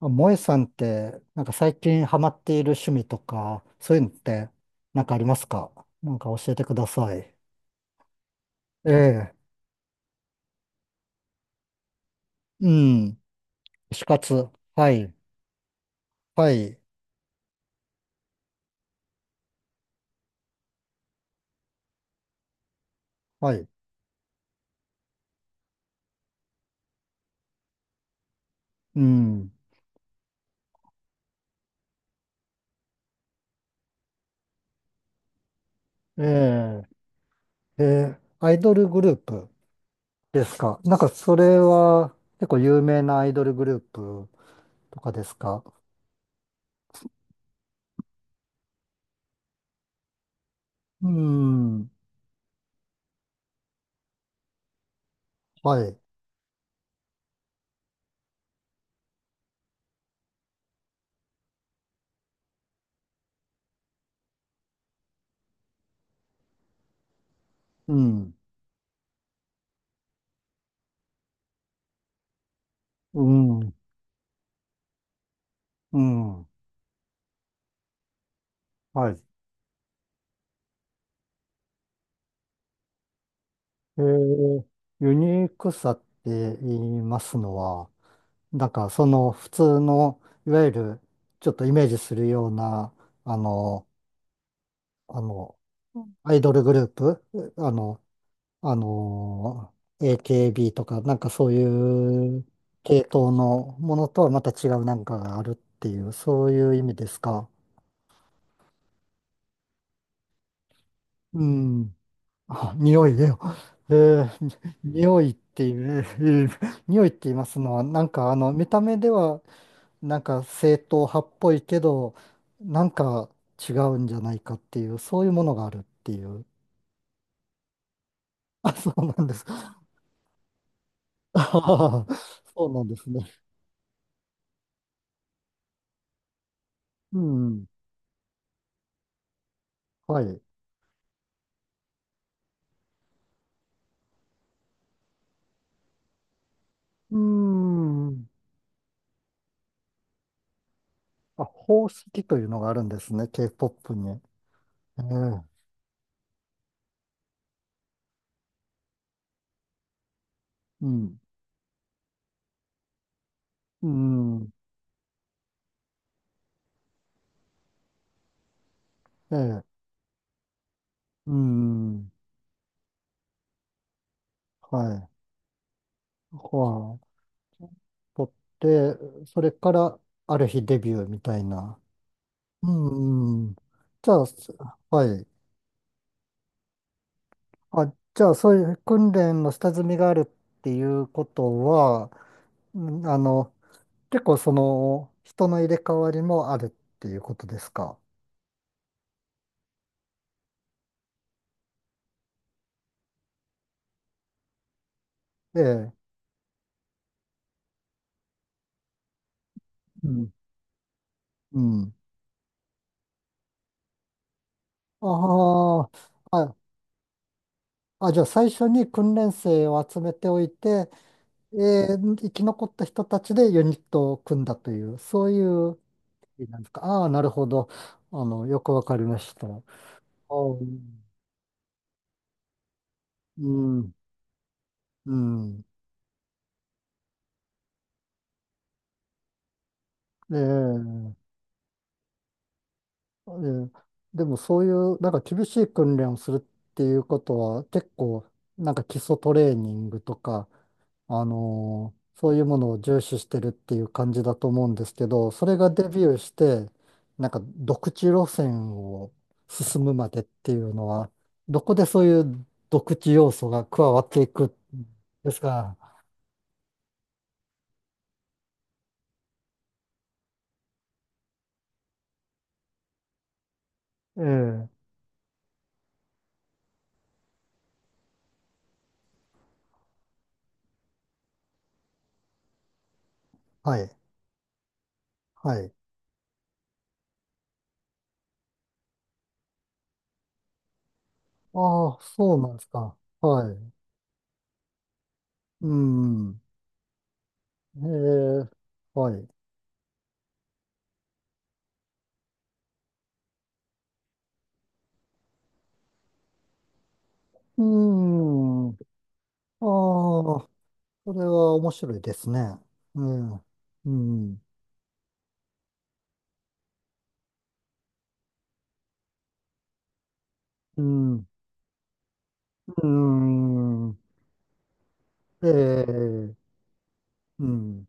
あ萌えさんって、なんか最近ハマっている趣味とか、そういうのって、なんかありますか。なんか教えてください。ええ、うん、死活。はい、はい、はい、うん。ええ、ええ、アイドルグループですか。なんかそれは結構有名なアイドルグループとかですか。うん、はい、うん、うん、うん、はい。えー、ユニークさって言いますのは、なんかその普通の、いわゆるちょっとイメージするような、あの、あの、うんアイドルグループ、あの、あの、AKB とか、なんかそういう系統のものとはまた違うなんかがあるっていう、そういう意味ですか。うん。あ、匂いだよ。えー、に匂いっていう、えー匂いって言いますのは、なんかあの、見た目では、なんか正統派っぽいけど、なんか違うんじゃないかっていう、そういうものがあるっていう。あ、そうなんです。あはは。そうなんですね。うん。はい。うーん。あ、宝石というのがあるんですね、K-POP に。ええ。うん。うん。ええ。うん。はい。はあ、取って、それからある日デビューみたいな。うん、うん。じゃあ、す、はい。あ、じゃあ、そういう訓練の下積みがあるっていうことは、うんあの、結構その、人の入れ替わりもあるっていうことですか。ええ。うん。うん。ああ、じゃあ最初に訓練生を集めておいて、え生き残った人たちでユニットを組んだという、そういうなんですか。ああ、なるほど。あの、よくわかりました。あー、うん、うん。ええ、ええ、でもそういう、なんか厳しい訓練をするっていうことは、結構、なんか基礎トレーニングとか、あのーそういうものを重視してるっていう感じだと思うんですけど、それがデビューして、なんか独自路線を進むまでっていうのは、どこでそういう独自要素が加わっていくんですか。ええ、はい、はい。ああ、そうなんですか。はい。うん。ええ、はい。うん。ああ、それは面白いですね。えん。うん。うん。うん。ええ、うん。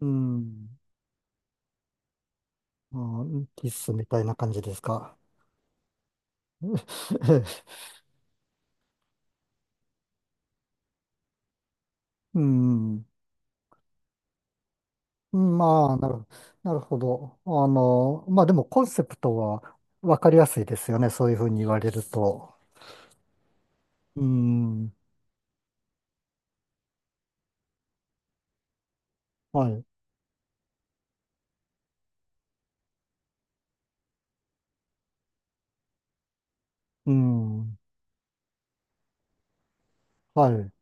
うん。ああ、キスみたいな感じですか。うん。まあ、なる、なるほど。あの、まあでもコンセプトはわかりやすいですよね。そういうふうに言われると。うーん、はい、うーん、はい、う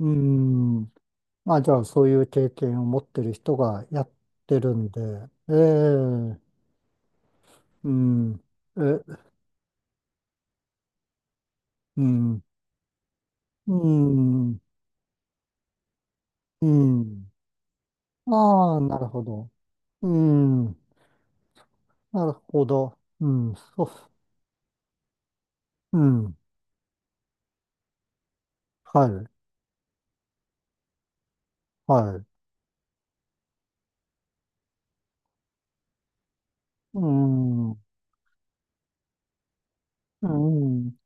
ーん。まあ、じゃあ、そういう経験を持ってる人がやってるんで、ええ、うーん、え、うーん、うーん、うーん。ああ、なるほど。うーん、なるほど。うん、そう、うん、はい、はい、うーん、うーん。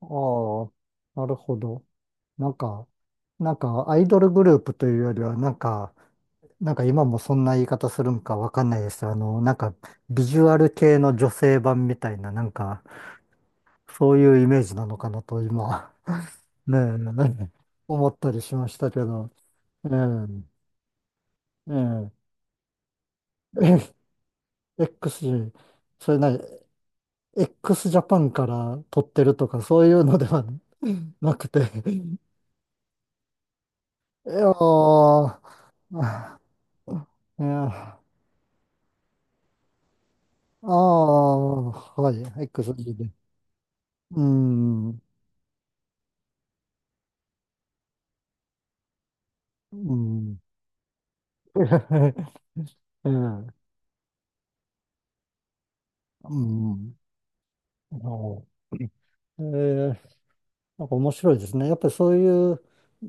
ああ、なるほど。なんか、なんか、アイドルグループというよりは、なんか、なんか今もそんな言い方するんかわかんないです。あの、なんかビジュアル系の女性版みたいな、なんかそういうイメージなのかなと今、ねえ、思ったりしましたけど、ええ、ええ、X、それなに。X ジャパンから撮ってるとかそういうのではなくて、いやー、あ、いやー、ああ、はい、X で、うん、うん。うん。うん。お、えー、なんか面白いですね。やっぱりそういう、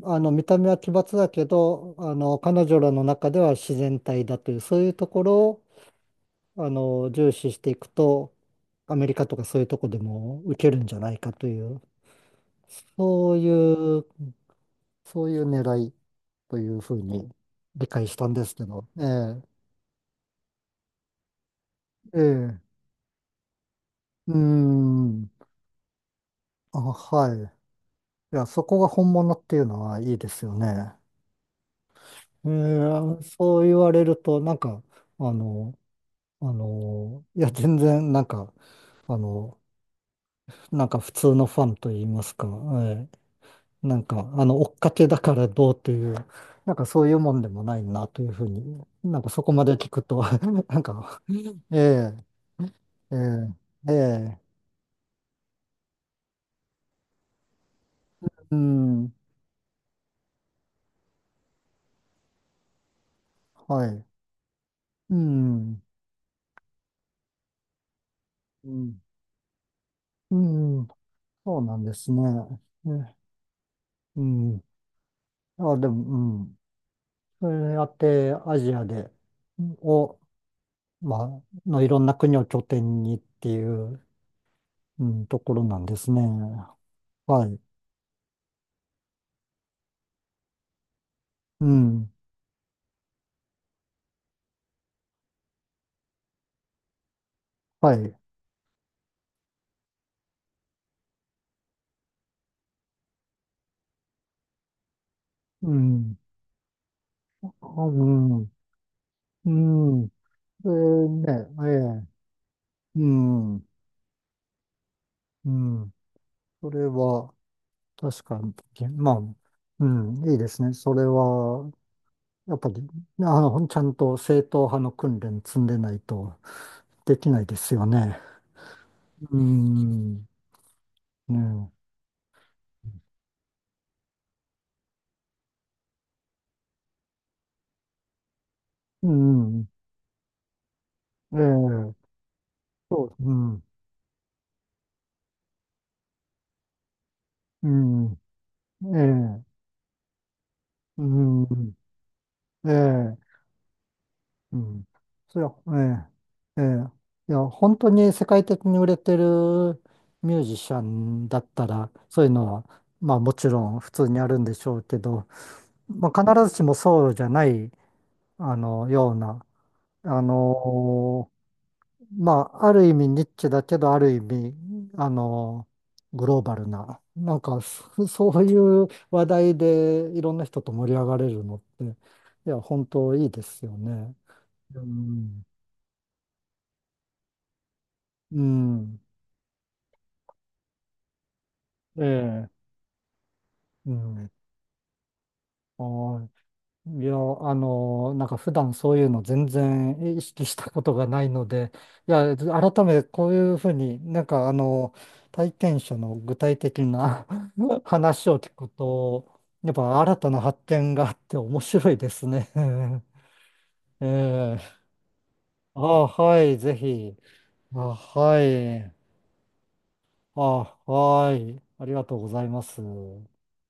あの、見た目は奇抜だけど、あの、彼女らの中では自然体だという、そういうところを、あの、重視していくと、アメリカとかそういうとこでも受けるんじゃないかという、そういう、そういう狙いというふうに理解したんですけど、ええ、ええ、うーん、あ、はい。いや、そこが本物っていうのはいいですよね。えー、そう言われると、なんか、あの、あの、いや、全然、なんか、あの、なんか普通のファンと言いますか、えー、なんか、あの、追っかけだからどうという、なんかそういうもんでもないなというふうに、なんかそこまで聞くと、なんか、ええ、ええ、ええ、うん、はい、うん、うん、うん、そうなんですね。え、うん。あ、でも、うん。それやって、アジアで、を、まあ、のいろんな国を拠点にっていう、うん、ところなんですね。はい。うん。はい。うん。あ、うん。うん。えーね、ええ。うん。うん。それは、確かに、まあ、うん、いいですね。それは、やっぱり、あの、ちゃんと正統派の訓練積んでないとできないですよね。うん。ね、うん、ええ、そう、うん、うん、ええ、うん、ええ、うん、そりゃ、ええ、ええ、いや、本当に世界的に売れてるミュージシャンだったら、そういうのは、まあもちろん普通にあるんでしょうけど、まあ必ずしもそうじゃない、あの、ような、あの、まあ、ある意味ニッチだけど、ある意味、あの、グローバルな、なんか、そ そういう話題でいろんな人と盛り上がれるのって、いや、本当いいですよね。うん。うん。ええ。うん。はい。いや、あの、なんか普段そういうの全然意識したことがないので、いや、改めてこういうふうに、なんかあの、体験者の具体的な 話を聞くと、やっぱ新たな発見があって面白いですね。ええ、ああ、はい、ぜひ。あ、はい。あ、はい。ありがとうございます。